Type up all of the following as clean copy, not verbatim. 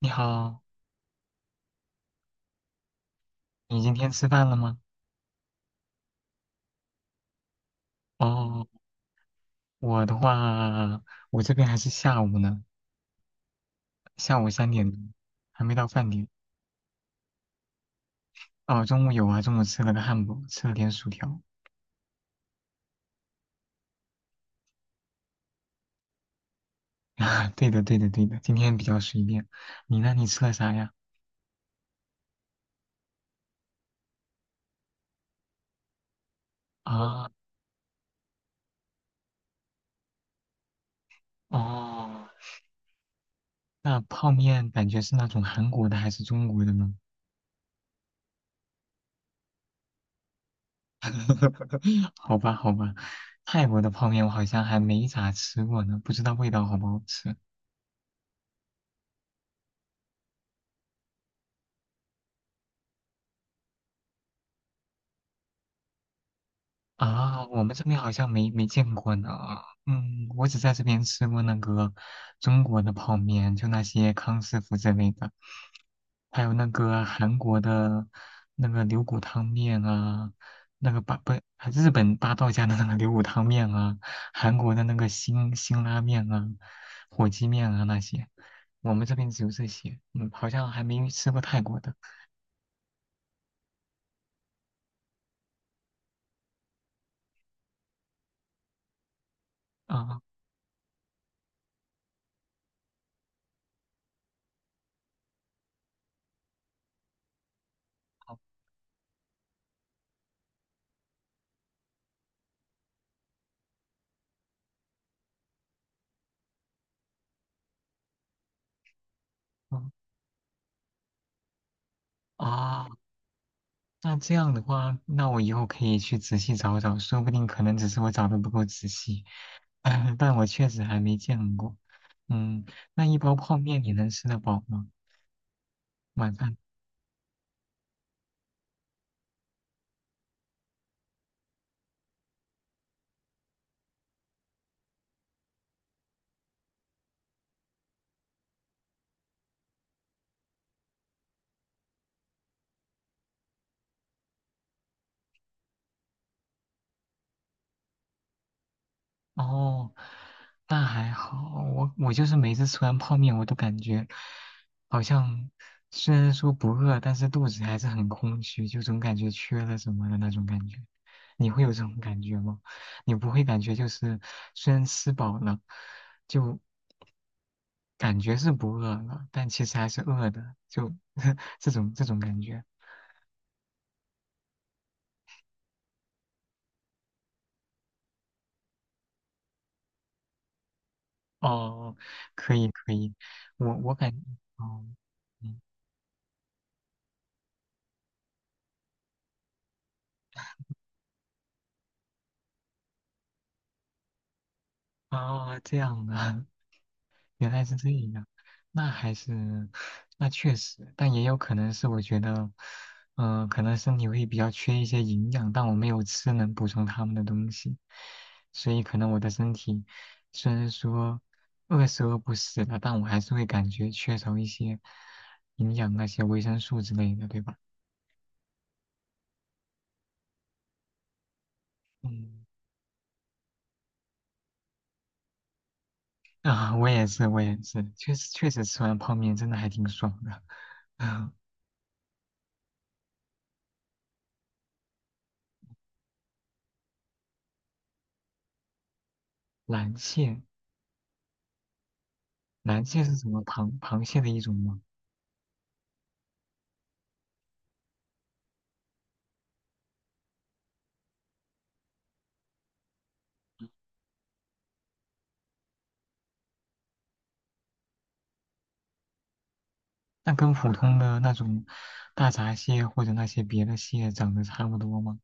你好，你今天吃饭了吗？哦，我的话，我这边还是下午呢，下午三点多，还没到饭点。哦，中午有啊，中午吃了个汉堡，吃了点薯条。啊，对的，对的，对的，今天比较随便。你呢？你吃了啥呀？啊，哦，那泡面感觉是那种韩国的还是中国的呢？好吧，好吧，泰国的泡面我好像还没咋吃过呢，不知道味道好不好吃。啊，我们这边好像没见过呢。嗯，我只在这边吃过那个中国的泡面，就那些康师傅之类的，还有那个韩国的那个牛骨汤面啊，那个八不日本八道家的那个牛骨汤面啊，韩国的那个辛辛拉面啊，火鸡面啊那些，我们这边只有这些。嗯，好像还没吃过泰国的。啊，好，嗯，啊。那这样的话，那我以后可以去仔细找找，说不定可能只是我找的不够仔细，但我确实还没见过。嗯，那一包泡面你能吃得饱吗？晚饭？哦，那还好，我就是每次吃完泡面，我都感觉好像虽然说不饿，但是肚子还是很空虚，就总感觉缺了什么的那种感觉。你会有这种感觉吗？你不会感觉就是虽然吃饱了，就感觉是不饿了，但其实还是饿的，就 这种感觉。哦，可以可以，我我感，哦，嗯，哦，这样的。原来是这样，那还是，那确实，但也有可能是我觉得，嗯、可能身体会比较缺一些营养，但我没有吃能补充他们的东西，所以可能我的身体虽然说饿是饿不死的，但我还是会感觉缺少一些营养，那些维生素之类的，对吧？嗯，啊，我也是，我也是，确实吃完泡面真的还挺爽的，啊，蓝蟹，蓝蟹是什么螃蟹的一种吗？那跟普通的那种大闸蟹或者那些别的蟹长得差不多吗？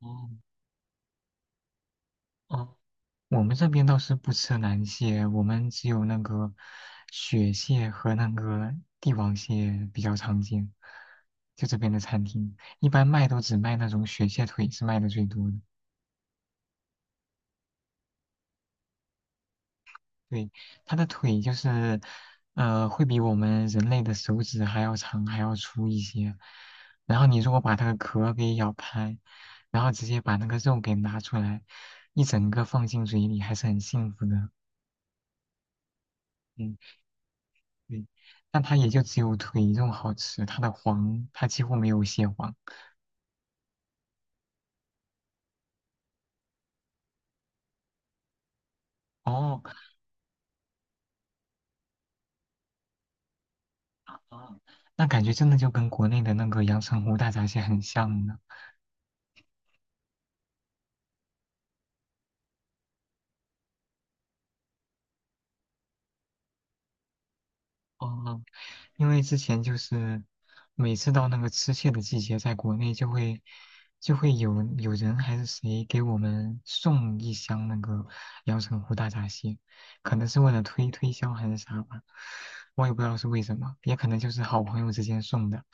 哦哦，我们这边倒是不吃南蟹，我们只有那个雪蟹和那个帝王蟹比较常见。就这边的餐厅，一般卖都只卖那种雪蟹腿是卖的最多的。对，它的腿就是，会比我们人类的手指还要长，还要粗一些。然后你如果把它的壳给咬开，然后直接把那个肉给拿出来，一整个放进嘴里，还是很幸福的。嗯，对。但它也就只有腿肉好吃，它的黄它几乎没有蟹黄。哦，哦，那感觉真的就跟国内的那个阳澄湖大闸蟹很像呢。哦，因为之前就是每次到那个吃蟹的季节，在国内就会有人还是谁给我们送一箱那个阳澄湖大闸蟹，可能是为了推销还是啥吧，我也不知道是为什么，也可能就是好朋友之间送的。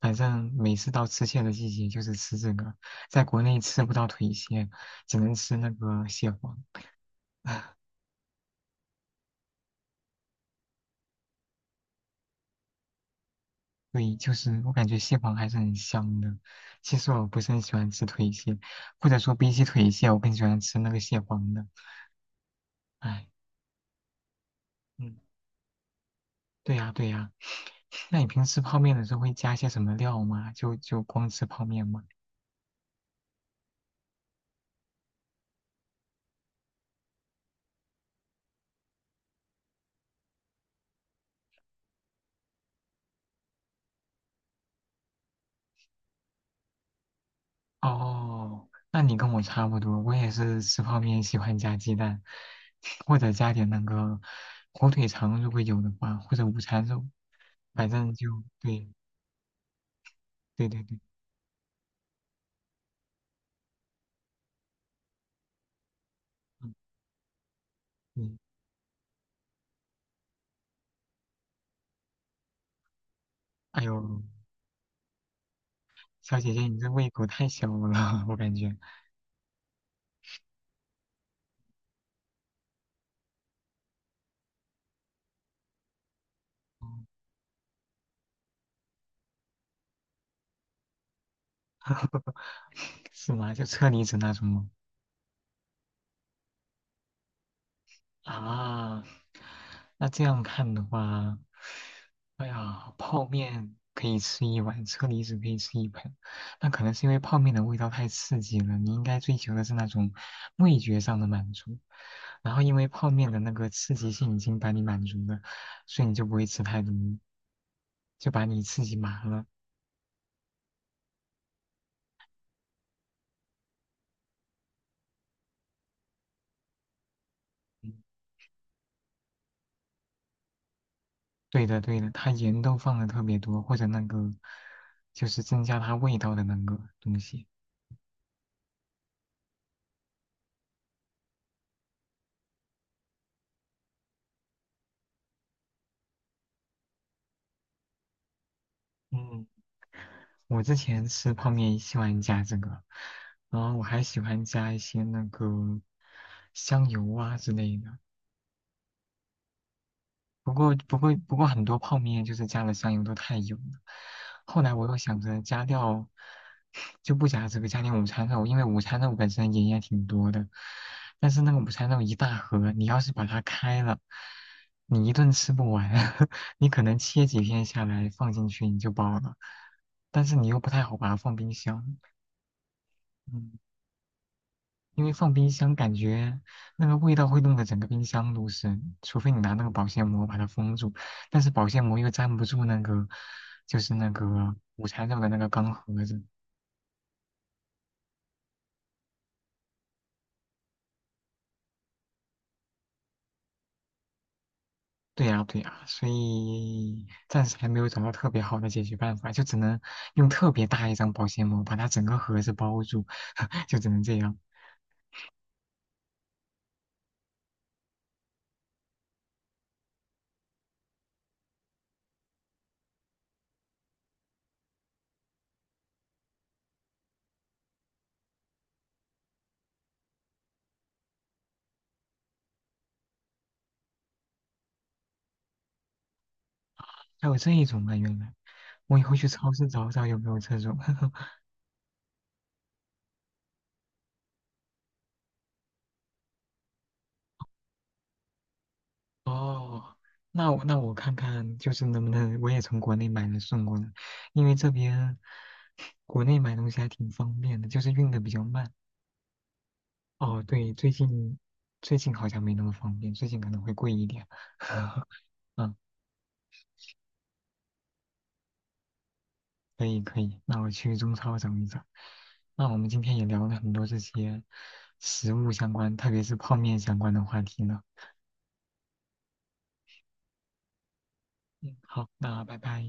反正每次到吃蟹的季节就是吃这个，在国内吃不到腿蟹，只能吃那个蟹黄。对，就是我感觉蟹黄还是很香的。其实我不是很喜欢吃腿蟹，或者说比起腿蟹，我更喜欢吃那个蟹黄的。哎，嗯，对呀，对呀。那你平时泡面的时候会加些什么料吗？就光吃泡面吗？哦，那你跟我差不多，我也是吃泡面喜欢加鸡蛋，或者加点那个火腿肠，如果有的话，或者午餐肉，反正就对对对对，嗯嗯，哎呦。小姐姐，你这胃口太小了，我感觉。是吗？就车厘子那种吗？啊，那这样看的话，哎呀，泡面可以吃一碗，车厘子可以吃一盆。那可能是因为泡面的味道太刺激了，你应该追求的是那种味觉上的满足。然后因为泡面的那个刺激性已经把你满足了，所以你就不会吃太多，就把你刺激麻了。嗯对的对的，它盐都放的特别多，或者那个就是增加它味道的那个东西。嗯，我之前吃泡面喜欢加这个，然后我还喜欢加一些那个香油啊之类的。不过很多泡面就是加了香油都太油了。后来我又想着加掉，就不加这个，加点午餐肉，因为午餐肉本身盐也挺多的。但是那个午餐肉一大盒，你要是把它开了，你一顿吃不完，你可能切几片下来放进去你就饱了，但是你又不太好把它放冰箱。嗯。因为放冰箱感觉那个味道会弄得整个冰箱都是，除非你拿那个保鲜膜把它封住，但是保鲜膜又粘不住那个，就是那个午餐肉的那个钢盒子。对呀，对呀，所以暂时还没有找到特别好的解决办法，就只能用特别大一张保鲜膜把它整个盒子包住，就只能这样。还有这一种啊，原来我以后去超市找找有没有这种。哦，那我那我看看，就是能不能我也从国内买了送过来，因为这边国内买东西还挺方便的，就是运的比较慢。哦，对，最近最近好像没那么方便，最近可能会贵一点。嗯，可以可以，那我去中超找一找。那我们今天也聊了很多这些食物相关，特别是泡面相关的话题呢。嗯，好，那拜拜。